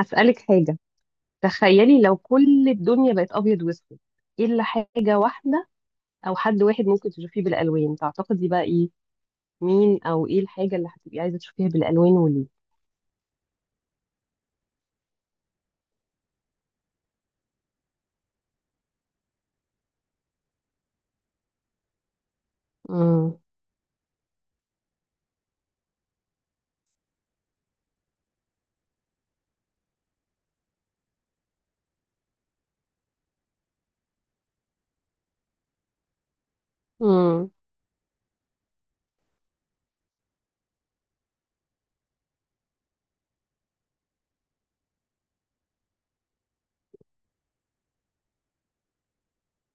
هسألك حاجة. تخيلي لو كل الدنيا بقت أبيض وأسود، إيه إلا حاجة واحدة أو حد واحد ممكن تشوفيه بالألوان؟ تعتقدي بقى إيه؟ مين أو إيه الحاجة اللي هتبقي عايزة تشوفيها بالألوان وليه؟ مم. مم.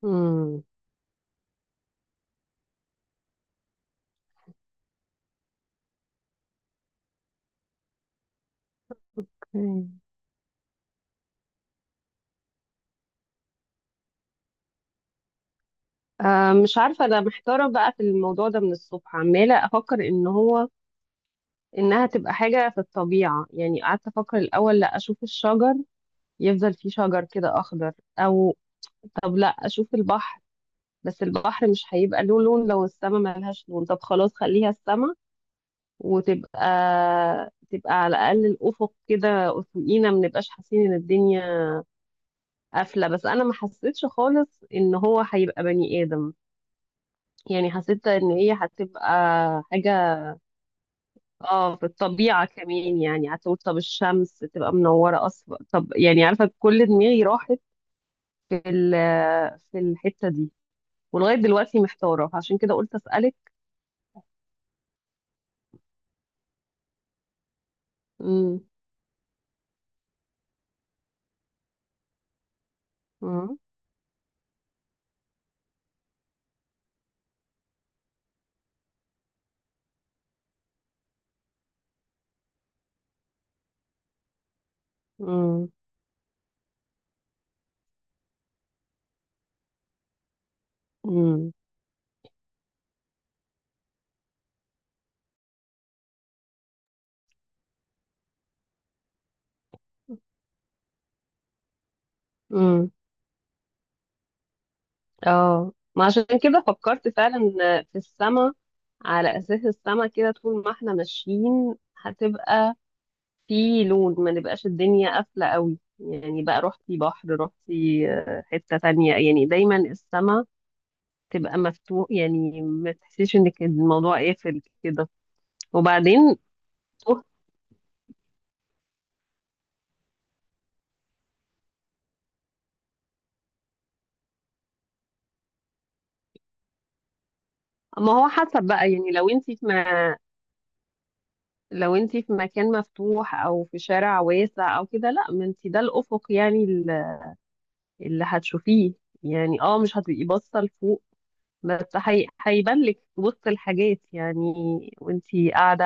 مم. مم. آه، مش عارفة، أنا محتارة بقى في الموضوع ده من الصبح، عمالة أفكر إن هو إنها تبقى حاجة في الطبيعة. يعني قعدت أفكر الأول لا أشوف الشجر، يفضل فيه شجر كده أخضر. أو طب لا أشوف البحر، بس البحر مش هيبقى له لون لو السما ملهاش لون. طب خلاص خليها السما، وتبقى تبقى على الأقل الأفق كده، أفقينا ما نبقاش حاسين إن الدنيا قافلة. بس أنا ما حسيتش خالص إن هو هيبقى بني آدم، يعني حسيت إن هي هتبقى حاجة. اه في الطبيعة كمان، يعني هتقول طب الشمس تبقى منورة أصلا، طب يعني عارفة كل دماغي راحت في الحتة دي، ولغاية دلوقتي محتارة، عشان كده قلت أسألك. امم. امم. امم. امم. اه، ما عشان كده فكرت فعلا في السما، على اساس السما كده طول ما احنا ماشيين هتبقى في لون، ما نبقاش الدنيا قافله قوي. يعني بقى رحتي بحر رحتي حته تانية، يعني دايما السما تبقى مفتوح، يعني ما تحسيش انك الموضوع قافل كده. وبعدين ما هو حسب بقى، يعني لو انت في ما لو انت في مكان مفتوح او في شارع واسع او كده، لا ما انت ده الافق يعني اللي هتشوفيه. يعني اه مش هتبقي باصه لفوق، بس هيبان لك وسط الحاجات يعني. وانتي قاعده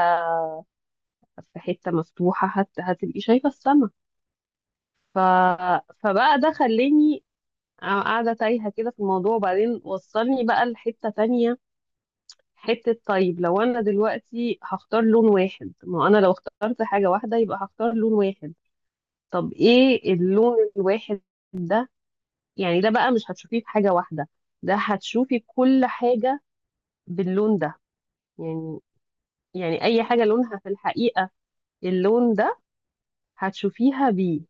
في حته مفتوحه هتبقي شايفه السما. ف... فبقى ده خلاني قاعده تايهه كده في الموضوع، وبعدين وصلني بقى لحته تانية. حته طيب، لو انا دلوقتي هختار لون واحد، ما انا لو اخترت حاجه واحده يبقى هختار لون واحد. طب ايه اللون الواحد ده؟ يعني ده بقى مش هتشوفيه في حاجه واحده، ده هتشوفي كل حاجة باللون ده. يعني، يعني اي حاجه لونها في الحقيقه اللون ده هتشوفيها بيه،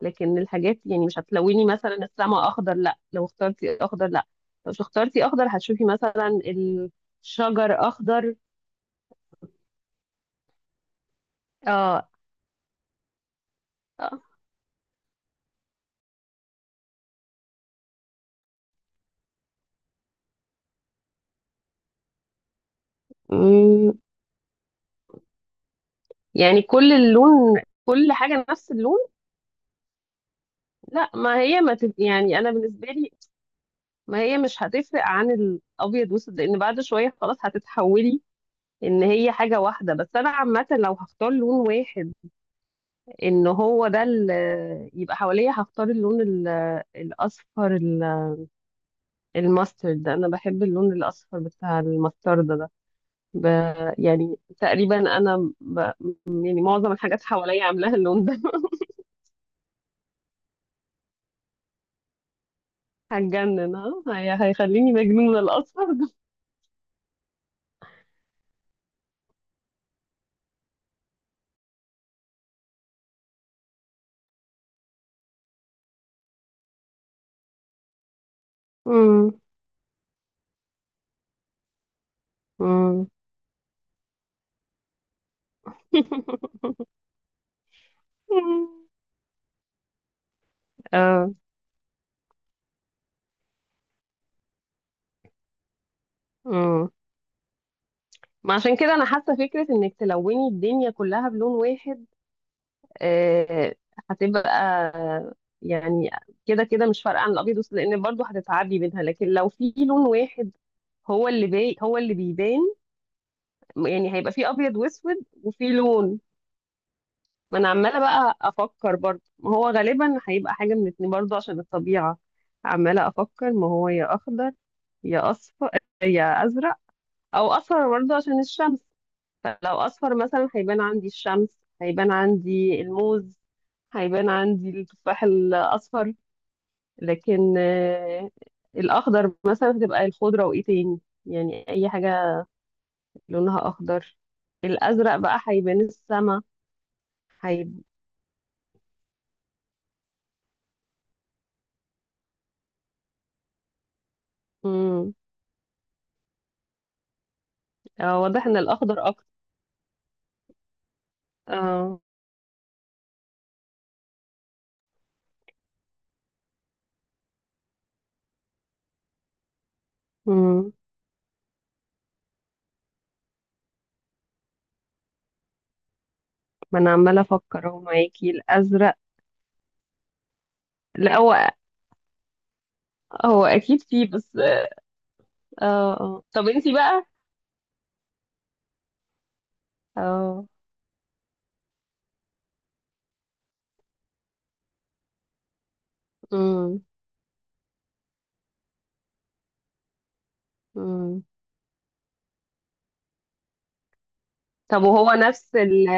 لكن الحاجات يعني مش هتلوني. مثلا السما اخضر، لا لو اخترتي اخضر، لا لو مش اخترتي اخضر هتشوفي مثلا الشجر اخضر. اه. آه. أمم، يعني كل اللون كل حاجه نفس اللون. لا، ما هي ما تب... يعني انا بالنسبه لي، ما هي مش هتفرق عن الابيض والاسود، لان بعد شويه خلاص هتتحولي ان هي حاجه واحده. بس انا عامه لو هختار لون واحد ان هو ده اللي يبقى حواليا، هختار اللون الاصفر، الماسترد. انا بحب اللون الاصفر بتاع الماسترد ده. ب... يعني تقريبا انا يعني معظم الحاجات حواليا عاملاها اللون ده. هتجنن، هيخليني مجنونة الاصفر ده. مم. مم. اه. مم. ما عشان كده انا حاسه فكره انك تلوني الدنيا كلها بلون واحد آه، هتبقى يعني كده كده مش فارقه عن الابيض والاسود، لان برضو هتتعبي منها. لكن لو في لون واحد هو اللي باي هو اللي بيبان، يعني هيبقى في ابيض واسود وفي لون. ما انا عماله بقى افكر برضو، ما هو غالبا هيبقى حاجه من اتنين برضو عشان الطبيعه. عماله افكر ما هو يا اخضر، يا اصفر، يا ازرق. او اصفر برضو عشان الشمس، فلو اصفر مثلا هيبان عندي الشمس، هيبان عندي الموز، هيبان عندي التفاح الاصفر. لكن الاخضر مثلا هتبقى الخضره وايه تاني، يعني اي حاجه لونها اخضر. الازرق بقى هيبان السما. هيب... مم. آه، واضح ان الاخضر اكتر. اه. مم. ما انا عماله افكر اهو معاكي الازرق. لا، هو اكيد فيه بس. اه، اه طب انتي بقى. اه. مم. مم. طب وهو نفس ال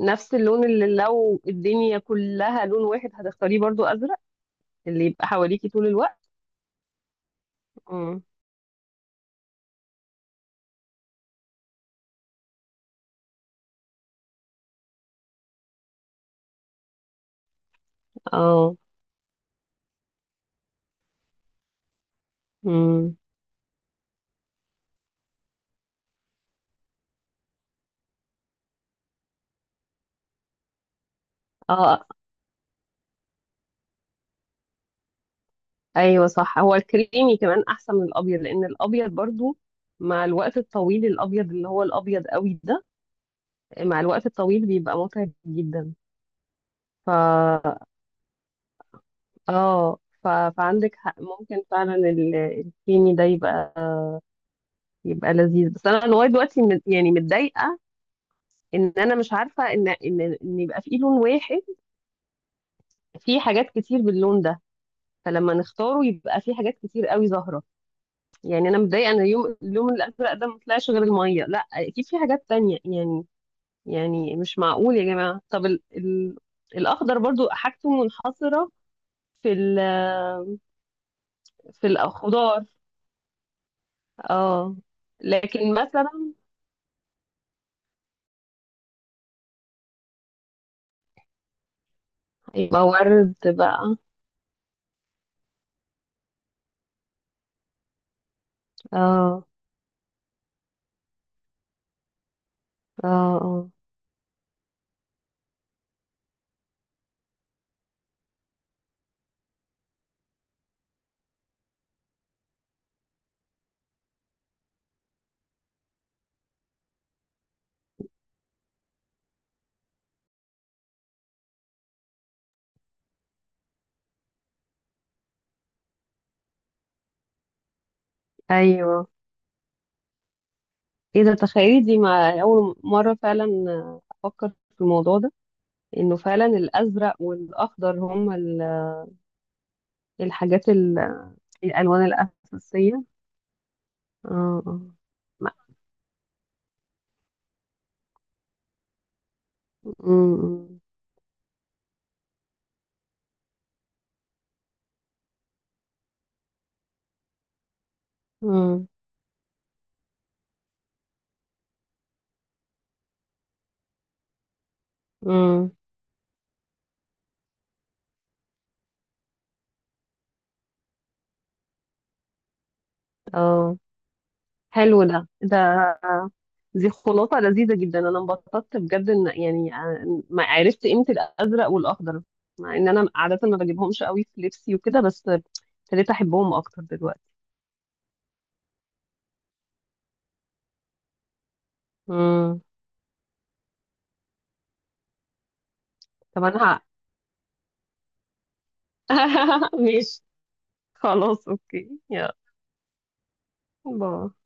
نفس اللون اللي لو الدنيا كلها لون واحد هتختاريه برضو أزرق اللي يبقى حواليكي طول الوقت؟ مم. اه. مم. اه، ايوه صح، هو الكريمي كمان احسن من الابيض، لان الابيض برضو مع الوقت الطويل، الابيض اللي هو الابيض قوي ده مع الوقت الطويل بيبقى متعب جدا. ف اه، فعندك حق، ممكن فعلا الكريمي ده يبقى يبقى لذيذ. بس انا لغايه دلوقتي يعني متضايقه ان انا مش عارفه ان يبقى في لون واحد في حاجات كتير باللون ده، فلما نختاره يبقى في حاجات كتير قوي ظاهره. يعني انا متضايقه ان يوم اليوم اللون الازرق ده ما طلعش غير الميه، لا اكيد في حاجات تانية يعني. يعني مش معقول يا جماعه. طب ال ال الاخضر برضو حاجته منحصره في في الخضار، اه، لكن مثلا يبقى ورد بقى. اه، اه، اه، ايوه ايه ده، تخيلي دي مع اول مره فعلا افكر في الموضوع ده، انه فعلا الازرق والاخضر هم الحاجات الالوان الاساسيه. اه، اه. ما- أمم. أمم. أمم. اه، حلو ده. دي خلاصه لذيذه جدا، انا انبسطت بجد ان يعني ما عرفت قيمه الازرق والاخضر، مع ان انا عاده ما بجيبهمش قوي في لبسي وكده، بس ابتديت احبهم اكتر دلوقتي. امم. طب انا. ماشي. خلاص اوكي يلا. باي.